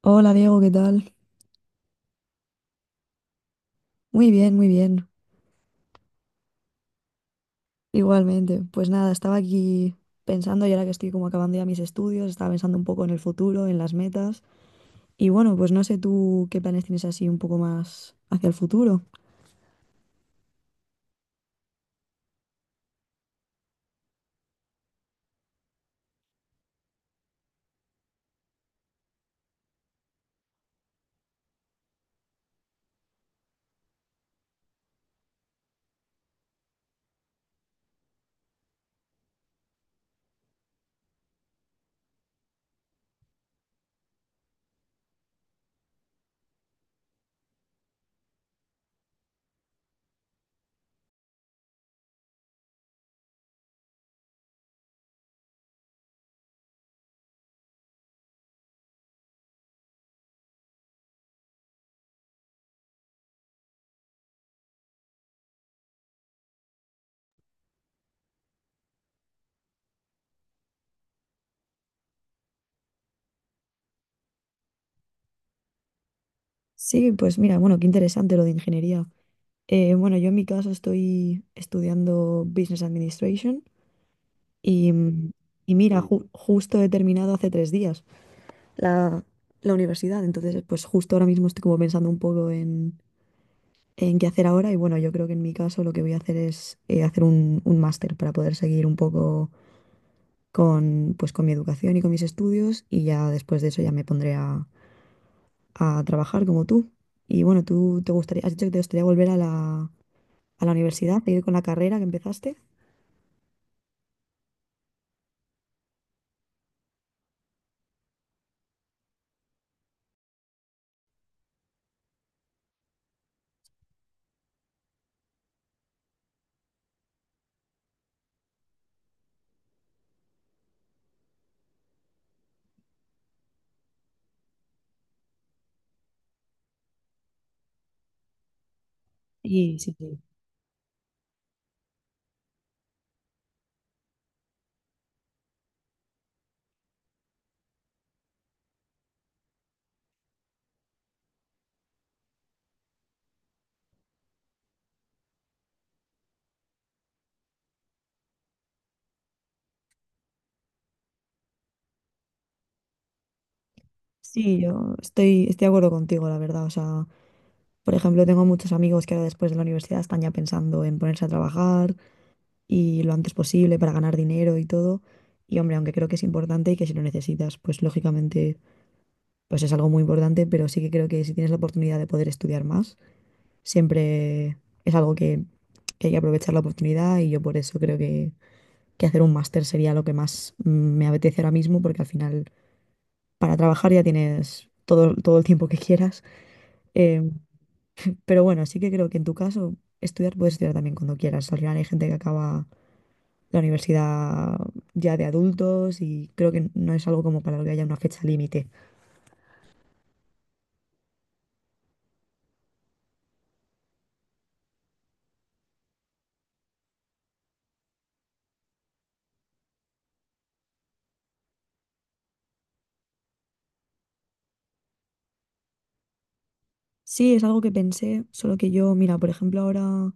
Hola Diego, ¿qué tal? Muy bien, muy bien. Igualmente. Pues nada, estaba aquí pensando, y ahora que estoy como acabando ya mis estudios, estaba pensando un poco en el futuro, en las metas. Y bueno, pues no sé tú qué planes tienes así un poco más hacia el futuro. Sí, pues mira, bueno, qué interesante lo de ingeniería. Bueno, yo en mi caso estoy estudiando Business Administration y, mm, y mira, justo he terminado hace 3 días la, la, universidad, entonces pues justo ahora mismo estoy como pensando un poco en qué hacer ahora y bueno, yo creo que en mi caso lo que voy a hacer es hacer un máster para poder seguir un poco con mi educación y con mis estudios y ya después de eso ya me pondré a trabajar como tú. Y bueno, tú te gustaría, has dicho que te gustaría volver a la universidad, seguir con la carrera que empezaste. Sí, sí, sí. Sí, yo estoy de acuerdo contigo, la verdad. O sea, por ejemplo, tengo muchos amigos que ahora después de la universidad están ya pensando en ponerse a trabajar y lo antes posible para ganar dinero y todo. Y hombre, aunque creo que es importante y que si lo necesitas, pues lógicamente pues es algo muy importante, pero sí que creo que si tienes la oportunidad de poder estudiar más, siempre es algo que hay que aprovechar la oportunidad y yo por eso creo que hacer un máster sería lo que más me apetece ahora mismo, porque al final para trabajar ya tienes todo el tiempo que quieras. Em, pero bueno, sí que creo que en tu caso estudiar puedes estudiar también cuando quieras. Al final hay gente que acaba la universidad ya de adultos y creo que no es algo como para lo que haya una fecha límite. Sí, es algo que pensé, solo que yo, mira, por ejemplo, ahora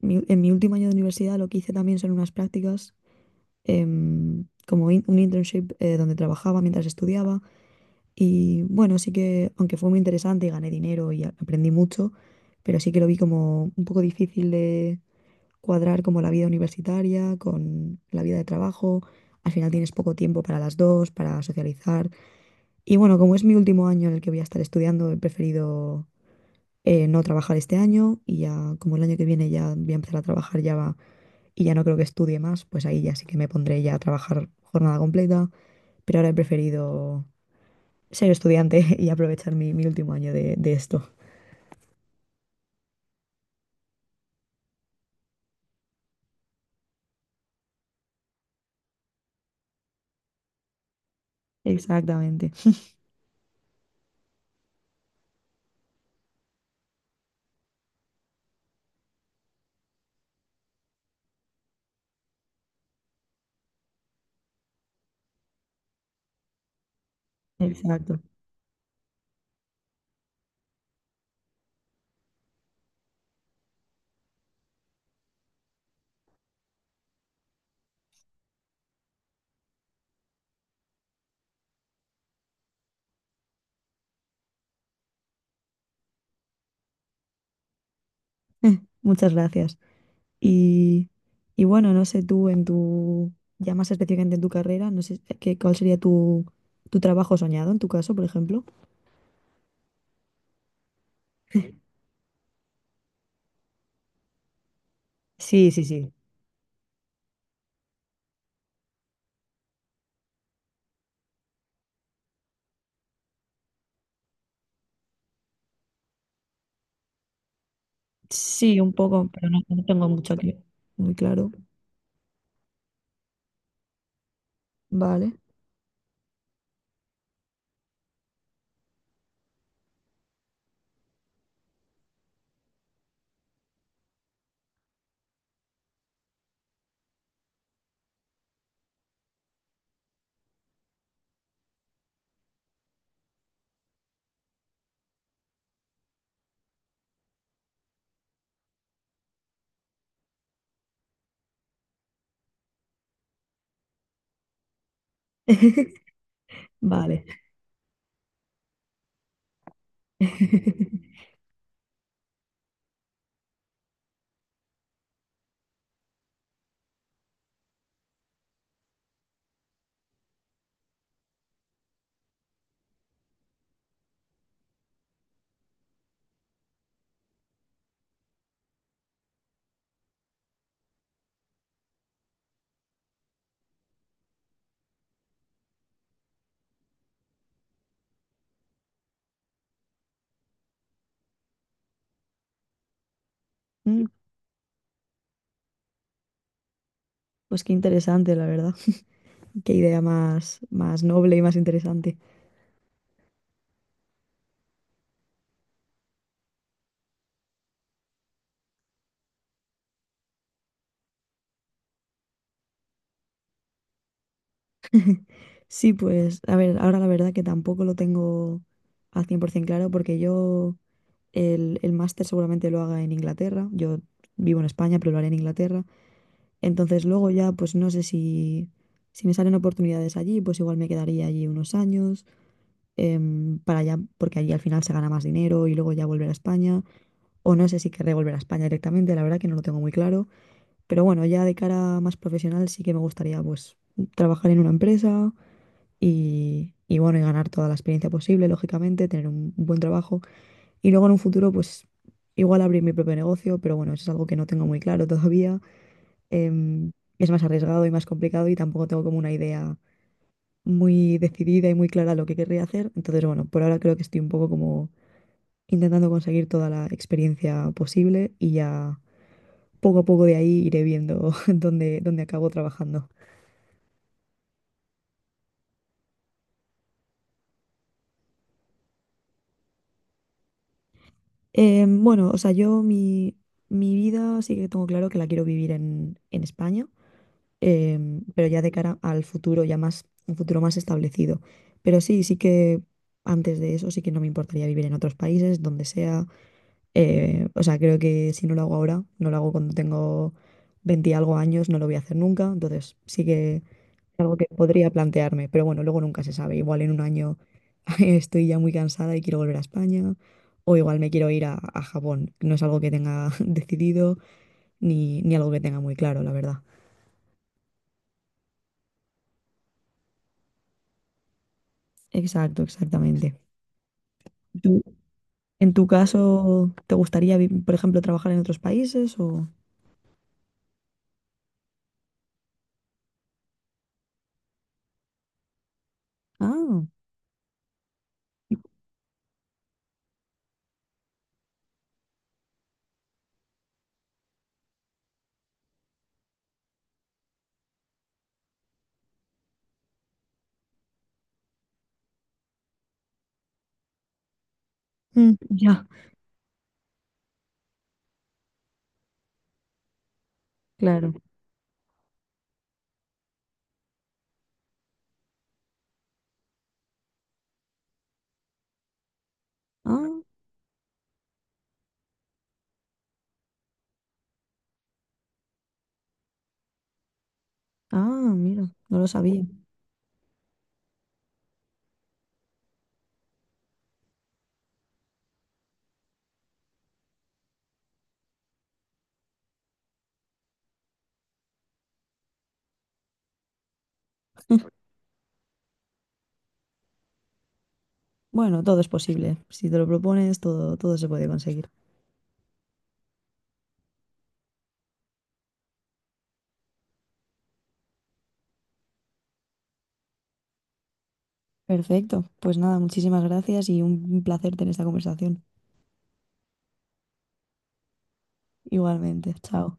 en mi último año de universidad lo que hice también son unas prácticas, como un internship donde trabajaba mientras estudiaba y bueno, sí que aunque fue muy interesante y gané dinero y aprendí mucho, pero sí que lo vi como un poco difícil de cuadrar como la vida universitaria con la vida de trabajo. Al final tienes poco tiempo para las dos, para socializar. Y bueno, como es mi último año en el que voy a estar estudiando, he preferido no trabajar este año y ya como el año que viene ya voy a empezar a trabajar y ya no creo que estudie más, pues ahí ya sí que me pondré ya a trabajar jornada completa, pero ahora he preferido ser estudiante y aprovechar mi, mi último año de, esto. Exactamente, exacto. Muchas gracias. Y, y bueno, no sé tú ya más específicamente en tu carrera, no sé cuál sería tu, tu trabajo soñado en tu caso, por ejemplo. Sí, sí, sí. Sí, un poco, pero no, no tengo mucho aquí. Muy claro. Vale. Vale. Mm, Pues qué interesante, la verdad. Qué idea más, más noble y más interesante. Sí, pues, a ver, ahora la verdad que tampoco lo tengo al 100% claro porque yo el máster seguramente lo haga en Inglaterra. Yo vivo en España, pero lo haré en Inglaterra. Entonces luego ya, pues no sé si, si me salen oportunidades allí, pues igual me quedaría allí unos años. Para allá, porque allí al final se gana más dinero y luego ya volver a España. O no sé si querré volver a España directamente, la verdad que no lo tengo muy claro. Pero bueno, ya de cara más profesional sí que me gustaría pues trabajar en una empresa y bueno, y ganar toda la experiencia posible, lógicamente, tener un buen trabajo. Y luego en un futuro pues igual abrir mi propio negocio, pero bueno, eso es algo que no tengo muy claro todavía. Em, es más arriesgado y más complicado y tampoco tengo como una idea muy decidida y muy clara lo que querría hacer. Entonces, bueno, por ahora creo que estoy un poco como intentando conseguir toda la experiencia posible y ya poco a poco de ahí iré viendo dónde acabo trabajando. Bueno, o sea, yo mi, mi vida sí que tengo claro que la quiero vivir en, España, eh, pero ya de cara al futuro, ya más, un futuro más establecido. Pero sí, sí que antes de eso sí que no me importaría vivir en otros países, donde sea. O sea, creo que si no lo hago ahora, no lo hago cuando tengo 20 y algo años, no lo voy a hacer nunca. Entonces, sí que algo que podría plantearme, pero bueno, luego nunca se sabe. Igual en un año estoy ya muy cansada y quiero volver a España, o igual me quiero ir a, Japón. No es algo que tenga decidido ni algo que tenga muy claro, la verdad. Exacto, exactamente. ¿Tú, en tu caso, te gustaría, por ejemplo, trabajar en otros países o...? Ah, mm, ya, claro. Ah, ah, mira, no lo sabía. Bueno, todo es posible. Si te lo propones, todo, todo se puede conseguir. Perfecto. Pues nada, muchísimas gracias y un placer tener esta conversación. Igualmente. Chao.